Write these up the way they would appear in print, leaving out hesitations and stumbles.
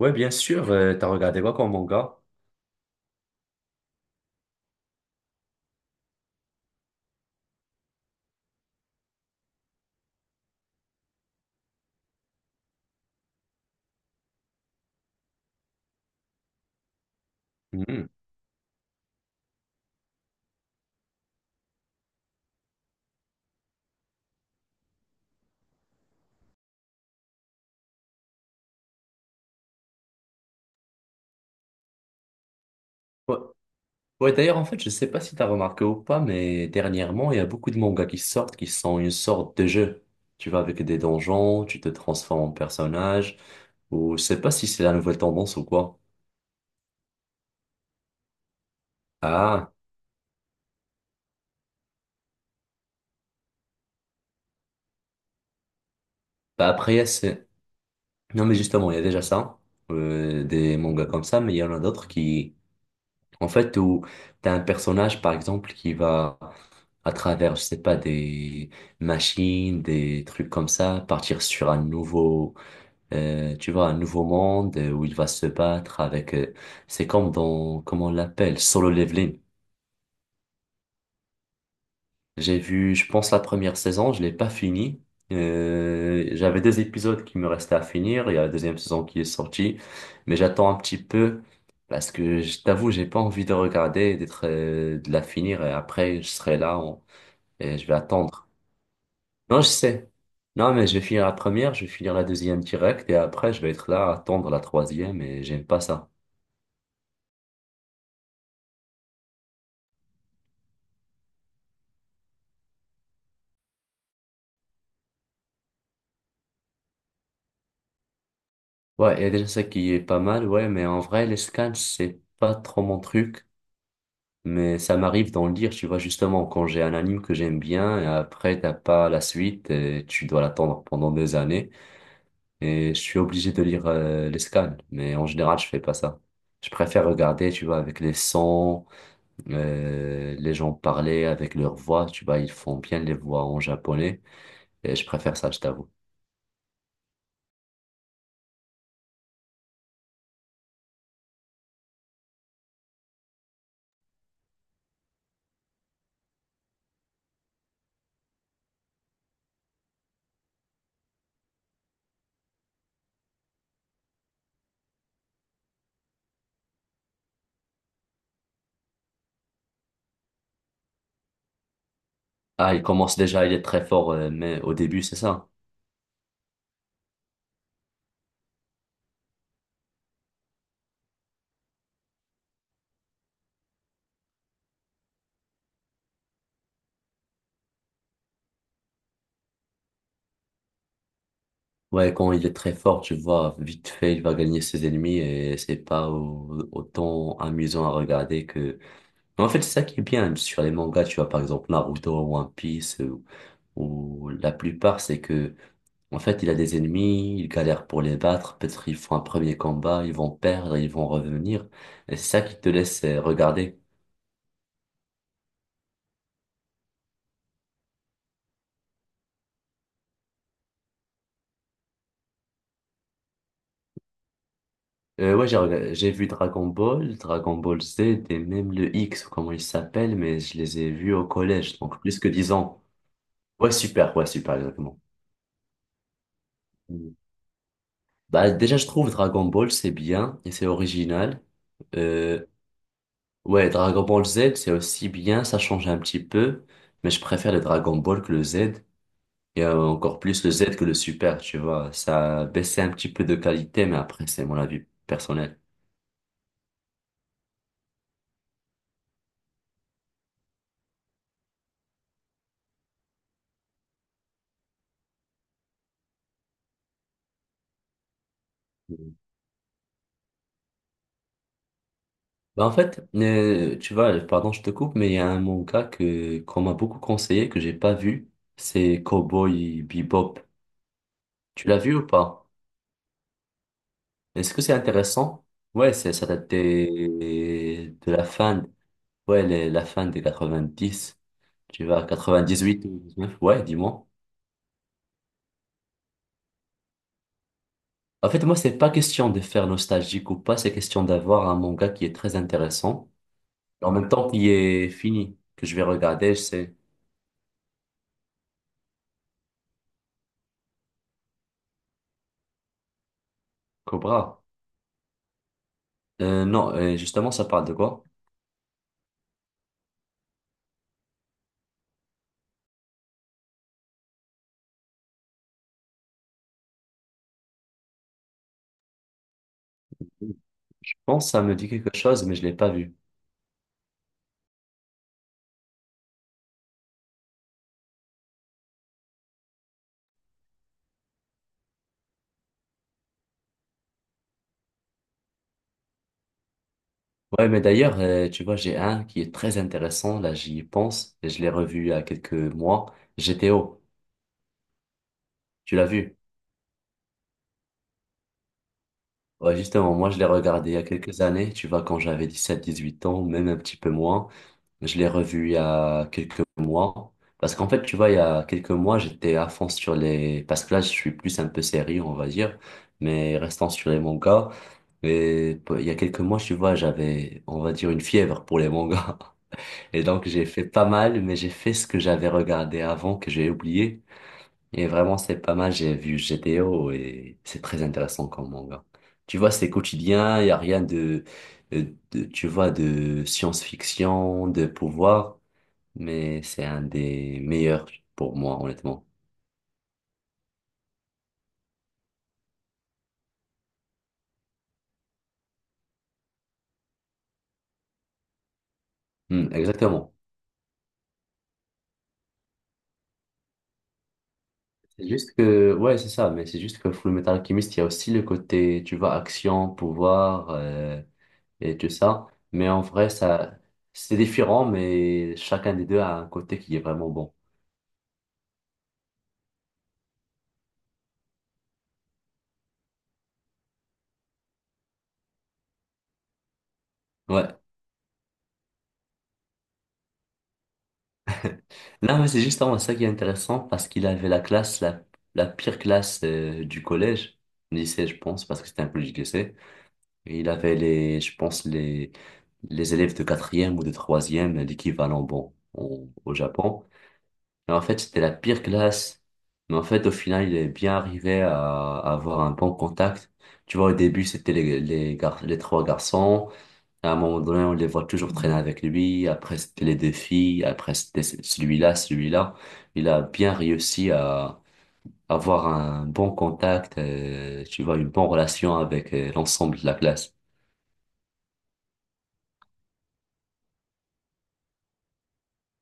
Ouais, bien sûr, t'as regardé quoi comme manga? Mhm. Ouais, ouais, d'ailleurs, en fait, je sais pas si t'as remarqué ou pas, mais dernièrement, il y a beaucoup de mangas qui sortent qui sont une sorte de jeu. Tu vas avec des donjons, tu te transformes en personnage, ou je sais pas si c'est la nouvelle tendance ou quoi. Ah, bah après, il y a. Non, mais justement, il y a déjà ça, des mangas comme ça, mais il y en a d'autres qui En fait, où t'as un personnage, par exemple, qui va, à travers, je sais pas, des machines, des trucs comme ça, partir sur un nouveau monde où il va se battre avec, c'est comme dans, comment on l'appelle, solo leveling. J'ai vu, je pense, la première saison, je l'ai pas finie. J'avais des épisodes qui me restaient à finir. Il y a la deuxième saison qui est sortie. Mais j'attends un petit peu parce que je t'avoue, j'ai pas envie de regarder, et d'être, de la finir et après, je serai là et je vais attendre. Non, je sais. Non, mais je vais finir la première, je vais finir la deuxième direct et après, je vais être là à attendre la troisième et j'aime pas ça. Ouais, il y a déjà ça qui est pas mal, ouais, mais en vrai, les scans, c'est pas trop mon truc. Mais ça m'arrive d'en lire, tu vois, justement, quand j'ai un anime que j'aime bien, et après, t'as pas la suite, et tu dois l'attendre pendant des années, et je suis obligé de lire les scans, mais en général, je fais pas ça. Je préfère regarder, tu vois, avec les sons, les gens parler avec leur voix, tu vois, ils font bien les voix en japonais, et je préfère ça, je t'avoue. Ah, il commence déjà, il est très fort, mais au début, c'est ça? Ouais, quand il est très fort, tu vois, vite fait, il va gagner ses ennemis et c'est pas autant amusant à regarder que... Mais en fait, c'est ça qui est bien sur les mangas, tu vois, par exemple Naruto, One Piece, ou la plupart, c'est que, en fait, il a des ennemis, il galère pour les battre, peut-être ils font un premier combat, ils vont perdre, ils vont revenir, et c'est ça qui te laisse regarder. Ouais, j'ai vu Dragon Ball, Dragon Ball Z et même le X, ou comment il s'appelle, mais je les ai vus au collège, donc plus que 10 ans. Ouais, super, ouais, super, exactement. Mm. Bah, déjà, je trouve Dragon Ball, c'est bien et c'est original. Euh, ouais, Dragon Ball Z, c'est aussi bien, ça change un petit peu, mais je préfère le Dragon Ball que le Z, et encore plus le Z que le Super, tu vois. Ça a baissé un petit peu de qualité, mais après, c'est mon avis personnel. Mm. Bah, en fait, tu vois, pardon, je te coupe, mais il y a un manga qu'on m'a beaucoup conseillé, que j'ai pas vu, c'est Cowboy Bebop. Tu l'as vu ou pas? Est-ce que c'est intéressant? Ouais, c'est, ça date de la fin, ouais, la fin des 90. Tu vas à huit ou neuf. Ouais, dis-moi. En fait, moi, c'est pas question de faire nostalgique ou pas, c'est question d'avoir un manga qui est très intéressant. En même temps, qui est fini, que je vais regarder, c'est Cobra. Non, justement, ça parle de quoi? Je pense que ça me dit quelque chose, mais je l'ai pas vu. Ouais, mais d'ailleurs, tu vois, j'ai un qui est très intéressant, là, j'y pense, et je l'ai revu il y a quelques mois, GTO. Tu l'as vu? Ouais, justement, moi je l'ai regardé il y a quelques années, tu vois, quand j'avais 17, 18 ans, même un petit peu moins. Je l'ai revu il y a quelques mois. Parce qu'en fait, tu vois, il y a quelques mois, j'étais à fond sur les... Parce que là, je suis plus un peu sérieux, on va dire, mais restant sur les mangas. Et il y a quelques mois, tu vois, j'avais, on va dire, une fièvre pour les mangas. Et donc, j'ai fait pas mal, mais j'ai fait ce que j'avais regardé avant, que j'ai oublié. Et vraiment, c'est pas mal. J'ai vu GTO et c'est très intéressant comme manga. Tu vois, c'est quotidien, il n'y a rien de, tu vois, de science-fiction, de pouvoir, mais c'est un des meilleurs pour moi, honnêtement. Hmm, exactement. C'est juste que, ouais, c'est ça, mais c'est juste que Fullmetal Alchemist, il y a aussi le côté, tu vois, action, pouvoir et tout ça. Mais en vrai, ça, c'est différent, mais chacun des deux a un côté qui est vraiment bon. Ouais. Non, mais c'est justement ça qui est intéressant parce qu'il avait la classe, la pire classe du collège, lycée, je pense, parce que c'était un peu du lycée. Et il avait les, je pense, les élèves de quatrième ou de troisième, l'équivalent bon au Japon. Mais en fait, c'était la pire classe. Mais en fait, au final, il est bien arrivé à avoir un bon contact. Tu vois, au début, c'était les trois garçons. À un moment donné, on les voit toujours traîner avec lui. Après, c'était les défis. Après, c'était celui-là, celui-là. Il a bien réussi à avoir un bon contact, tu vois, une bonne relation avec l'ensemble de la classe.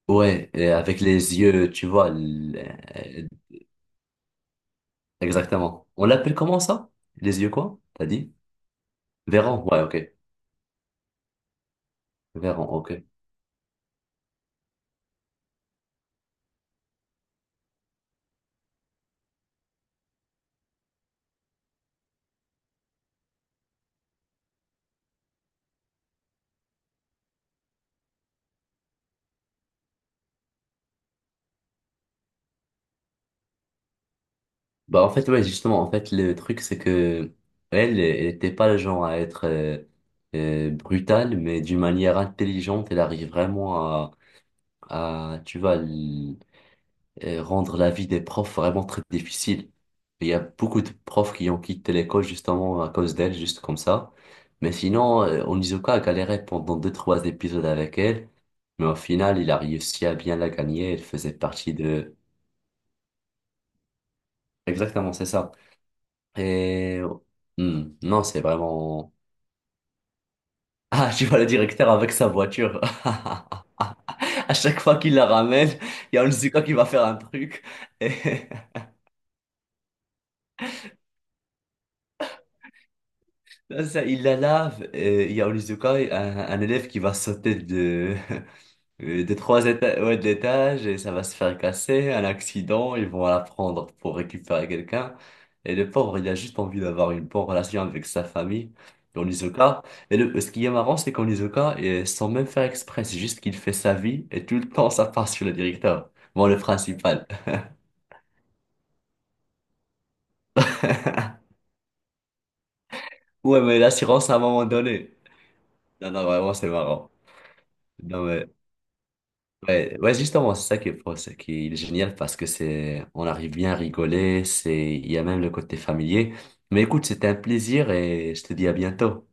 Ouais, et avec les yeux, tu vois. Euh, Exactement. On l'appelle comment ça? Les yeux quoi? T'as dit? Véran, ouais, ok. Véran, ok. Bah en fait, ouais, justement, en fait, le truc c'est que elle était pas le genre à être brutale, mais d'une manière intelligente elle arrive vraiment à tu vois, rendre la vie des profs vraiment très difficile. Il y a beaucoup de profs qui ont quitté l'école justement à cause d'elle juste comme ça. Mais sinon, Onizuka a galéré pendant deux trois épisodes avec elle, mais au final il a réussi à bien la gagner. Elle faisait partie de... Exactement, c'est ça. Et hmm, non, c'est vraiment... Ah, tu vois le directeur avec sa voiture. À chaque fois qu'il la ramène, il y a Onizuka qui va faire un truc. Et là, ça, il la lave et il y a Onizuka, un élève qui va sauter de... Des trois étages, ouais, de l'étage, et ça va se faire casser, un accident, ils vont la prendre pour récupérer quelqu'un. Et le pauvre, il a juste envie d'avoir une bonne relation avec sa famille, en Isoka. Et ce qui est marrant, c'est qu'en Isoka, et sans même faire exprès, c'est juste qu'il fait sa vie, et tout le temps, ça part sur le directeur. Bon, le principal. Ouais, mais l'assurance à un moment donné. Non, non, vraiment, c'est marrant. Non, mais. Ouais, ouais, justement, c'est ça qui est, c'est qui est génial parce que c'est, on arrive bien à rigoler, c'est, il y a même le côté familier. Mais écoute, c'était un plaisir et je te dis à bientôt.